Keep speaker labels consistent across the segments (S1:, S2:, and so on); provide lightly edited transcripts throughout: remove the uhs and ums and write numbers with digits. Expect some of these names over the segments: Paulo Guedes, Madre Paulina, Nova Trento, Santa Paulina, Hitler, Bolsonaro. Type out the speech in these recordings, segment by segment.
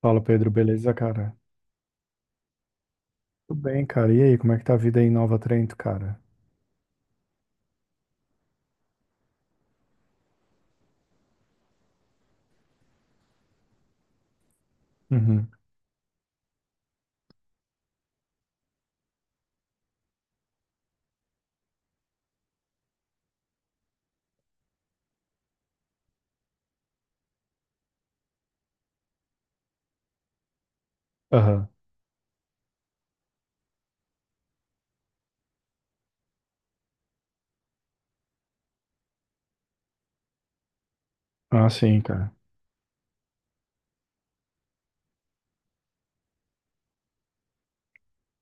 S1: Fala, Pedro, beleza, cara? Tudo bem, cara. E aí, como é que tá a vida aí em Nova Trento, cara? Uhum. Aham. Ah, sim, cara.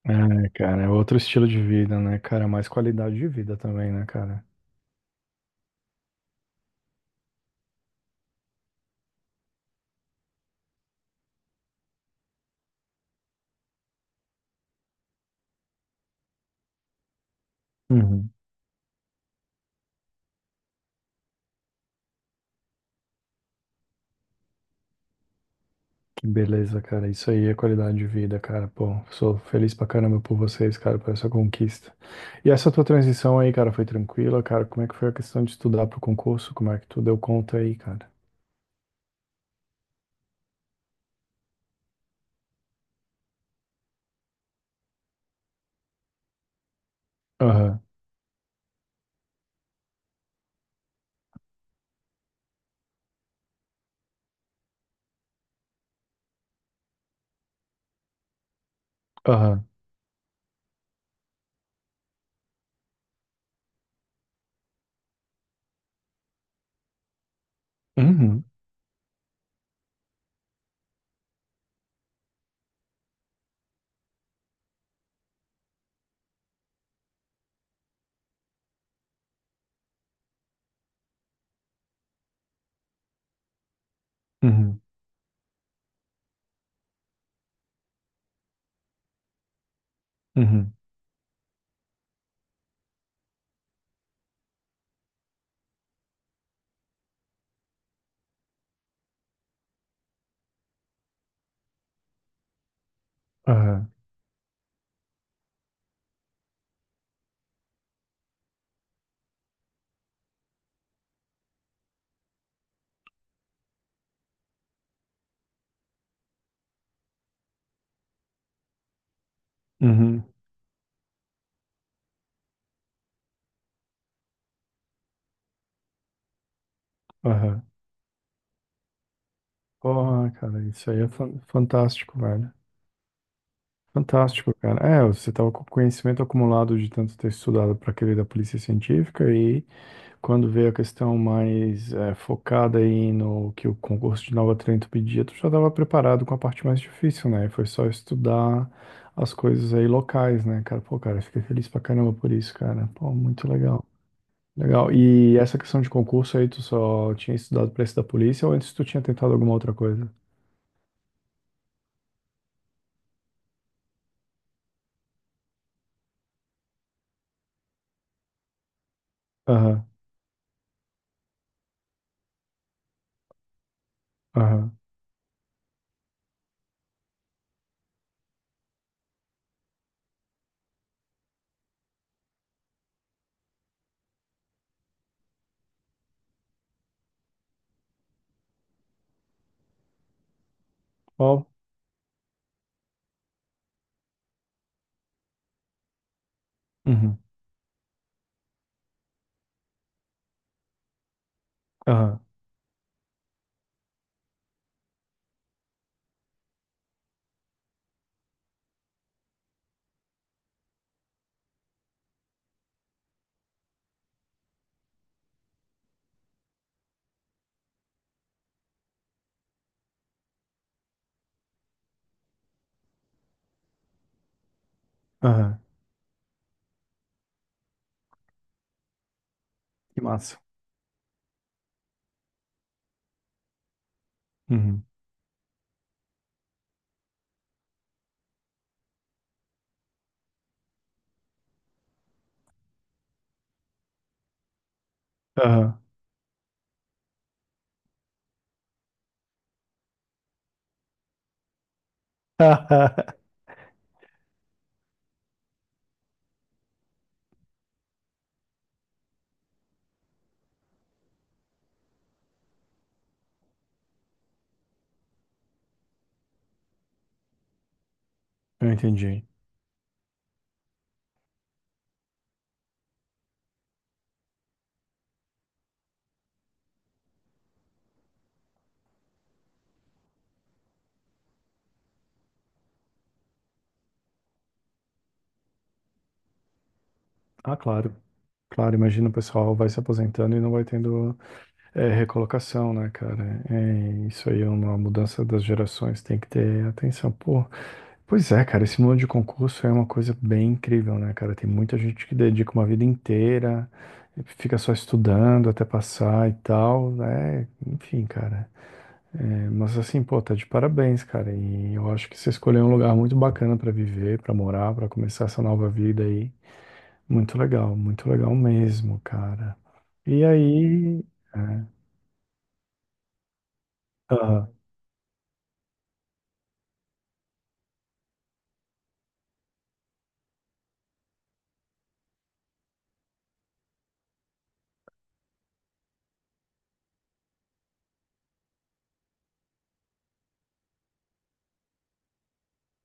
S1: É, cara, é outro estilo de vida, né, cara? Mais qualidade de vida também, né, cara? Uhum. Que beleza, cara. Isso aí é qualidade de vida, cara. Pô, sou feliz pra caramba por vocês, cara, por essa conquista. E essa tua transição aí, cara, foi tranquila, cara? Como é que foi a questão de estudar pro concurso? Como é que tu deu conta aí, cara? Aham, aham. Uhum, uhum, uhum, aham, uhum, aham. Porra, cara, isso aí é fantástico, velho. Fantástico, cara. É, você tava com conhecimento acumulado de tanto ter estudado para aquele da polícia científica e quando veio a questão mais focada aí no que o concurso de Nova Trento pedia, tu já estava preparado com a parte mais difícil, né? Foi só estudar as coisas aí locais, né, cara? Pô, cara, fiquei feliz pra caramba por isso, cara. Pô, muito legal. Legal. E essa questão de concurso aí, tu só tinha estudado para esse da polícia ou antes tu tinha tentado alguma outra coisa? Aham, aham. Qual? Uhum. Aham. Aham. Que massa. Uhum. Aham. Eu entendi. Ah, claro. Claro, imagina o pessoal vai se aposentando e não vai tendo recolocação, né, cara? É, isso aí é uma mudança das gerações, tem que ter atenção. Pô, pois é, cara, esse mundo de concurso é uma coisa bem incrível, né, cara? Tem muita gente que dedica uma vida inteira, fica só estudando até passar e tal, né? Enfim, cara. É, mas assim, pô, tá de parabéns, cara. E eu acho que você escolheu um lugar muito bacana pra viver, pra morar, pra começar essa nova vida aí. Muito legal mesmo, cara. E aí. É, aham.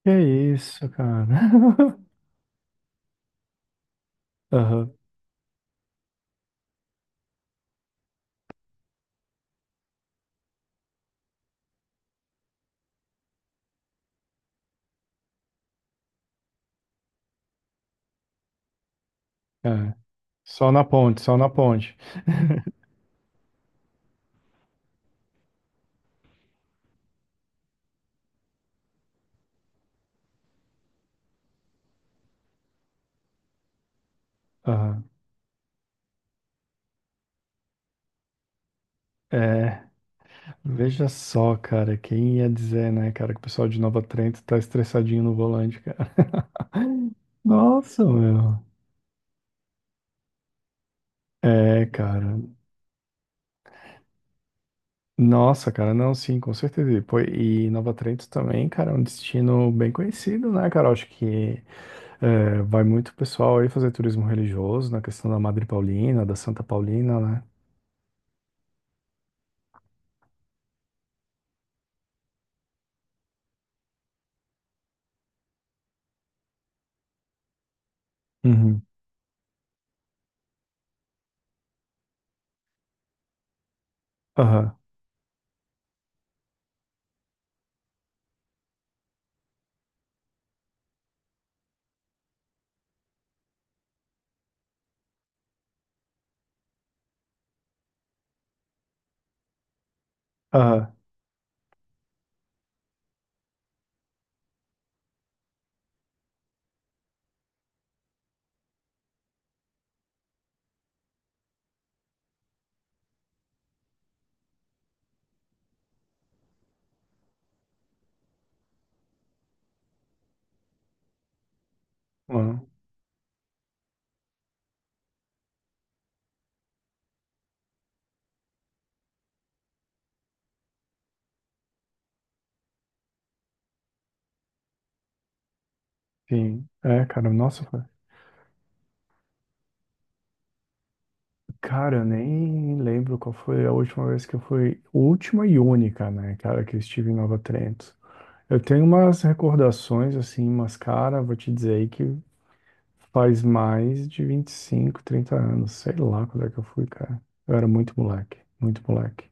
S1: Que isso, cara. Aham, é. Só na ponte, só na ponte. Aham. É, veja só, cara, quem ia dizer, né, cara, que o pessoal de Nova Trento tá estressadinho no volante, cara. Nossa, meu. É, cara. Nossa, cara, não, sim, com certeza. E pô, e Nova Trento também, cara, é um destino bem conhecido, né, cara? Eu acho que vai muito pessoal aí fazer turismo religioso, na questão da Madre Paulina, da Santa Paulina, né? Uhum. Aham, aham, aham, sim. Cara, eu nem lembro qual foi a última vez que eu fui, última e única, né, cara, que eu estive em Nova Trento. Eu tenho umas recordações, assim, mas, cara, vou te dizer aí que faz mais de 25, 30 anos. Sei lá quando é que eu fui, cara. Eu era muito moleque, muito moleque.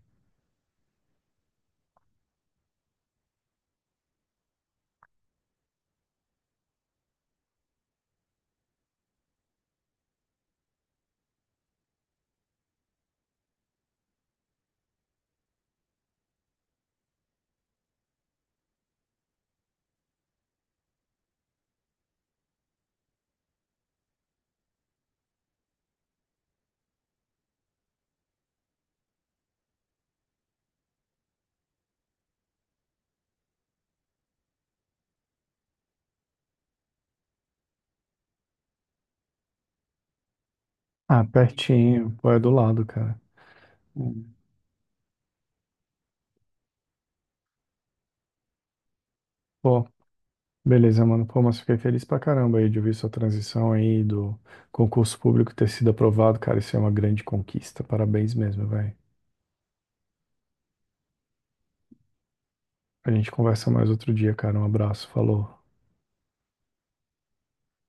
S1: Ah, pertinho. Pô, é do lado, cara. Hum. Pô, beleza, mano. Pô, mas fiquei feliz pra caramba aí de ouvir sua transição aí do concurso público ter sido aprovado, cara. Isso é uma grande conquista. Parabéns mesmo, velho. A gente conversa mais outro dia, cara. Um abraço. Falou.